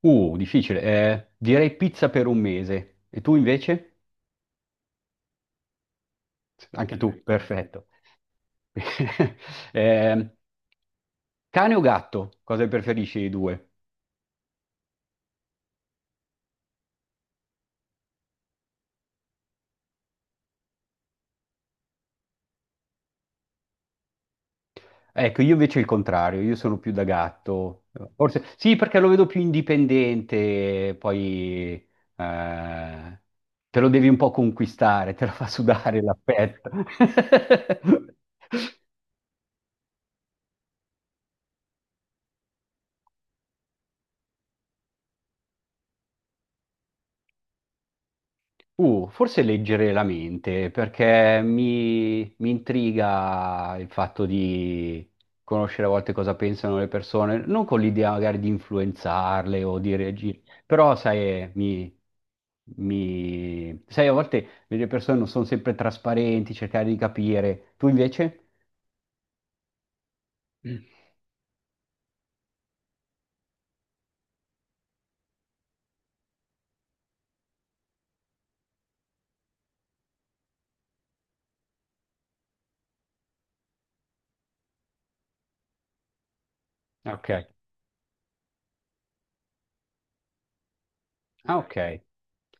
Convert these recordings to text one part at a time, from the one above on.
Difficile. Direi pizza per un mese. E tu invece? Anche tu, ok, perfetto. Eh, Cane o gatto? Cosa preferisci dei due? Ecco, io invece il contrario, io sono più da gatto. Forse sì, perché lo vedo più indipendente, poi eh, te lo devi un po' conquistare, te lo fa sudare l'affetto. Forse leggere la mente, perché mi intriga il fatto di conoscere a volte cosa pensano le persone, non con l'idea magari di influenzarle o di reagire, però sai, a volte le persone non sono sempre trasparenti, cercare di capire. Tu invece? Mm. Ok. Ah, ok.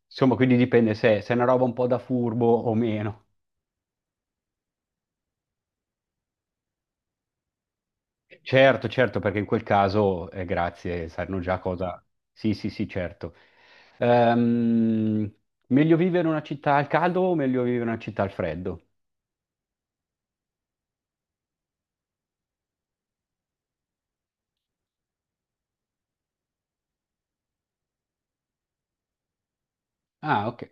Insomma, quindi dipende se è una roba un po' da furbo o meno. Certo, certo, perché in quel caso, grazie, sanno già cosa. Sì, sì, sì, certo. Ehm, Meglio vivere in una città al caldo o meglio vivere in una città al freddo? Ah, ok.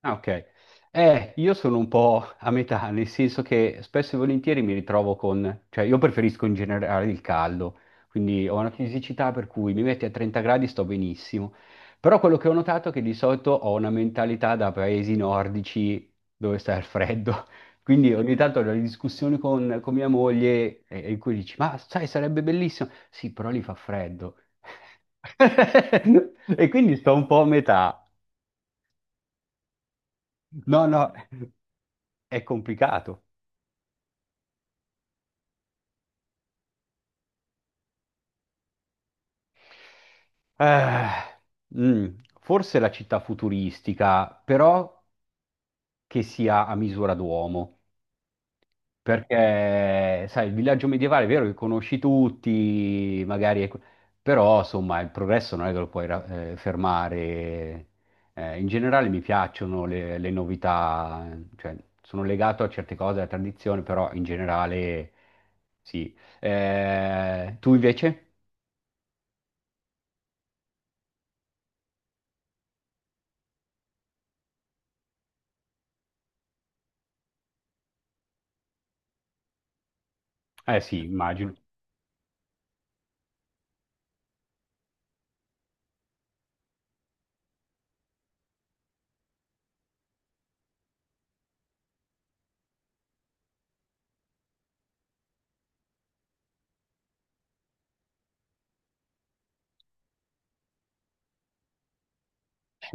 Ah, ok. Io sono un po' a metà, nel senso che spesso e volentieri mi ritrovo con, cioè io preferisco in generale il caldo, quindi ho una fisicità per cui mi metti a 30 gradi sto benissimo, però quello che ho notato è che di solito ho una mentalità da paesi nordici dove sta il freddo, quindi ogni tanto ho delle discussioni con, mia moglie in cui dici, ma sai, sarebbe bellissimo, sì, però lì fa freddo. E quindi sto un po' a metà. No, no. È complicato. Eh, mm, Forse la città futuristica, però che sia a misura d'uomo. Perché, sai, il villaggio medievale è vero che conosci tutti, magari, però insomma il progresso non è che lo puoi fermare. In generale mi piacciono le novità, cioè sono legato a certe cose, alla tradizione, però in generale sì. Tu invece? Eh sì, immagino.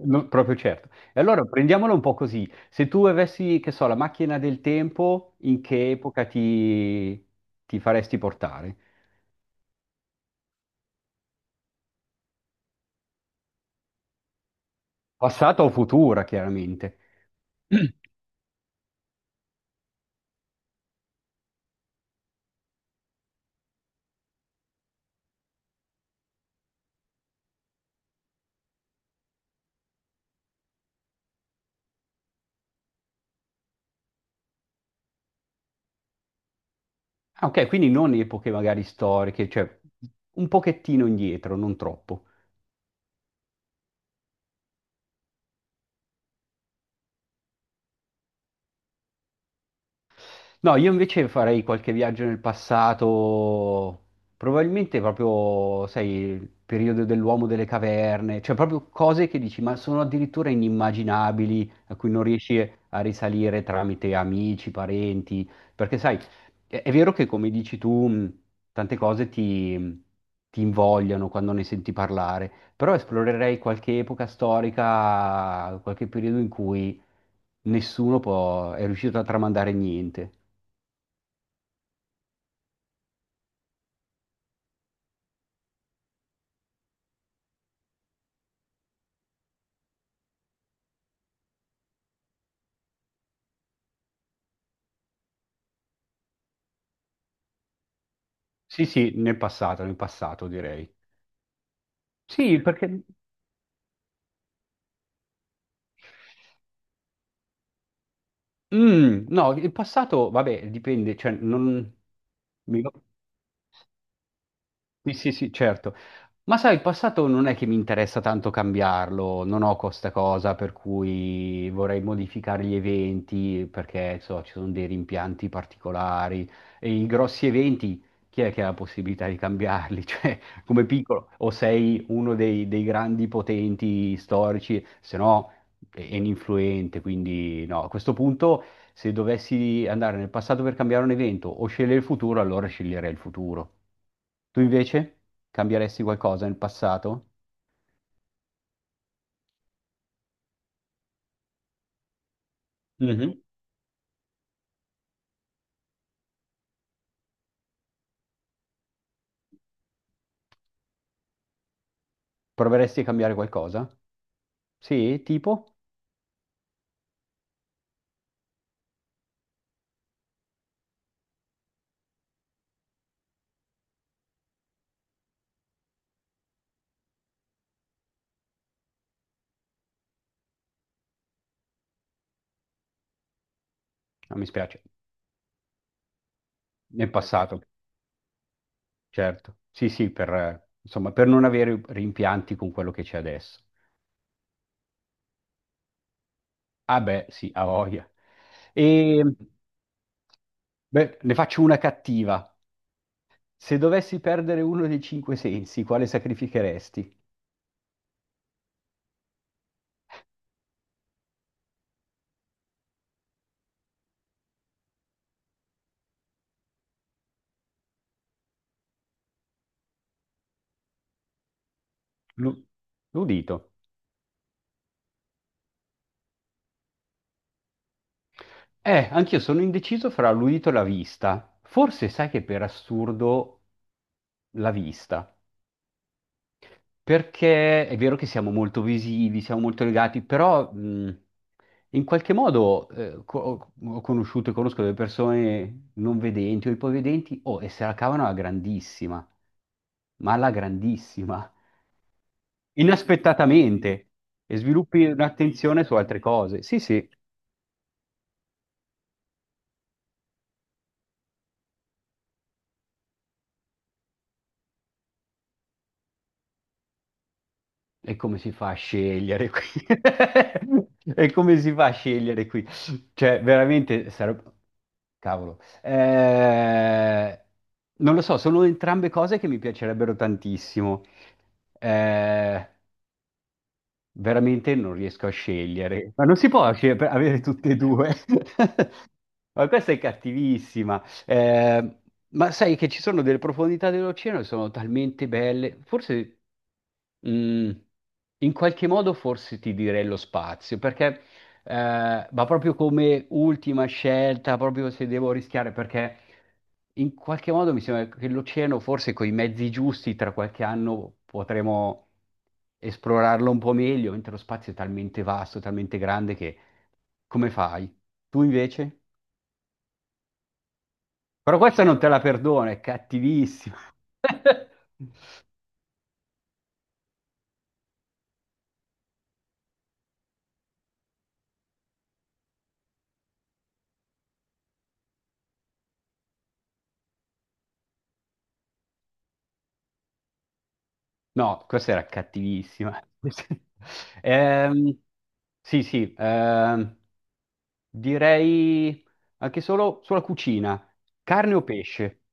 No, proprio certo. E allora prendiamolo un po' così. Se tu avessi, che so, la macchina del tempo, in che epoca ti faresti portare? Passata o futura, chiaramente. Ah, ok, quindi non epoche magari storiche, cioè un pochettino indietro, non troppo. No, io invece farei qualche viaggio nel passato, probabilmente proprio, sai, il periodo dell'uomo delle caverne, cioè proprio cose che dici, ma sono addirittura inimmaginabili, a cui non riesci a risalire tramite amici, parenti, perché sai, è vero che come dici tu, tante cose ti, invogliano quando ne senti parlare, però esplorerei qualche epoca storica, qualche periodo in cui nessuno è riuscito a tramandare niente. Sì, sì, nel passato direi. Sì, perché. Mm, no, il passato, vabbè, dipende, cioè, non. mi- Sì, sì, sì, certo. Ma sai, il passato non è che mi interessa tanto cambiarlo, non ho questa cosa per cui vorrei modificare gli eventi perché so, ci sono dei rimpianti particolari e i grossi eventi, chi è che ha la possibilità di cambiarli? Cioè, come piccolo, o sei uno dei grandi potenti storici, se no è influente, quindi no, a questo punto se dovessi andare nel passato per cambiare un evento o scegliere il futuro, allora sceglierei il futuro. Tu invece cambieresti qualcosa nel passato? Mhm. Proveresti a cambiare qualcosa? Sì, tipo? No, mi spiace. Nel, ecco, passato, certo. Sì, sì, per, insomma, per non avere rimpianti con quello che c'è adesso. Ah beh, sì, a voglia. E beh, ne faccio una cattiva. Se dovessi perdere uno dei cinque sensi, quale sacrificheresti? L'u- L'udito. Anch'io sono indeciso fra l'udito e la vista. Forse sai che per assurdo la vista, perché è vero che siamo molto visivi, siamo molto legati, però in qualche modo ho conosciuto e conosco delle persone non vedenti o ipovedenti, oh, e se la cavano alla grandissima, ma alla grandissima, inaspettatamente, e sviluppi un'attenzione su altre cose. Sì, sì. E come si fa a scegliere qui? E come si fa a scegliere qui? Cioè, veramente sarebbe. Cavolo. Non lo so, sono entrambe cose che mi piacerebbero tantissimo. Eh, Veramente non riesco a scegliere. Ma non si può avere tutte e due. Ma questa è cattivissima. Ma sai che ci sono delle profondità dell'oceano che sono talmente belle. Forse. Mm, In qualche modo forse ti direi lo spazio, perché ma proprio come ultima scelta, proprio se devo rischiare, perché in qualche modo mi sembra che l'oceano, forse con i mezzi giusti, tra qualche anno potremo esplorarlo un po' meglio, mentre lo spazio è talmente vasto, talmente grande che come fai? Tu invece? Però questa non te la perdono, è cattivissima. No, questa era cattivissima. Ehm, sì, sì, direi anche solo sulla cucina. Carne o pesce?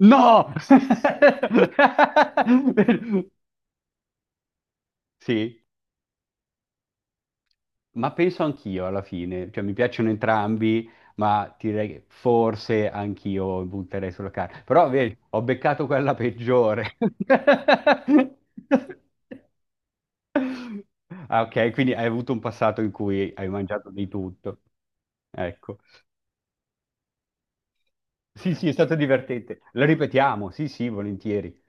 No! Sì, ma penso anch'io alla fine, cioè mi piacciono entrambi, ma ti direi che forse anch'io butterei sulla carne. Però vedi, ho beccato quella peggiore. Ah, ok, quindi hai avuto un passato in cui hai mangiato di tutto. Ecco. Sì, sì, è stato divertente. Lo ripetiamo, sì, sì, volentieri.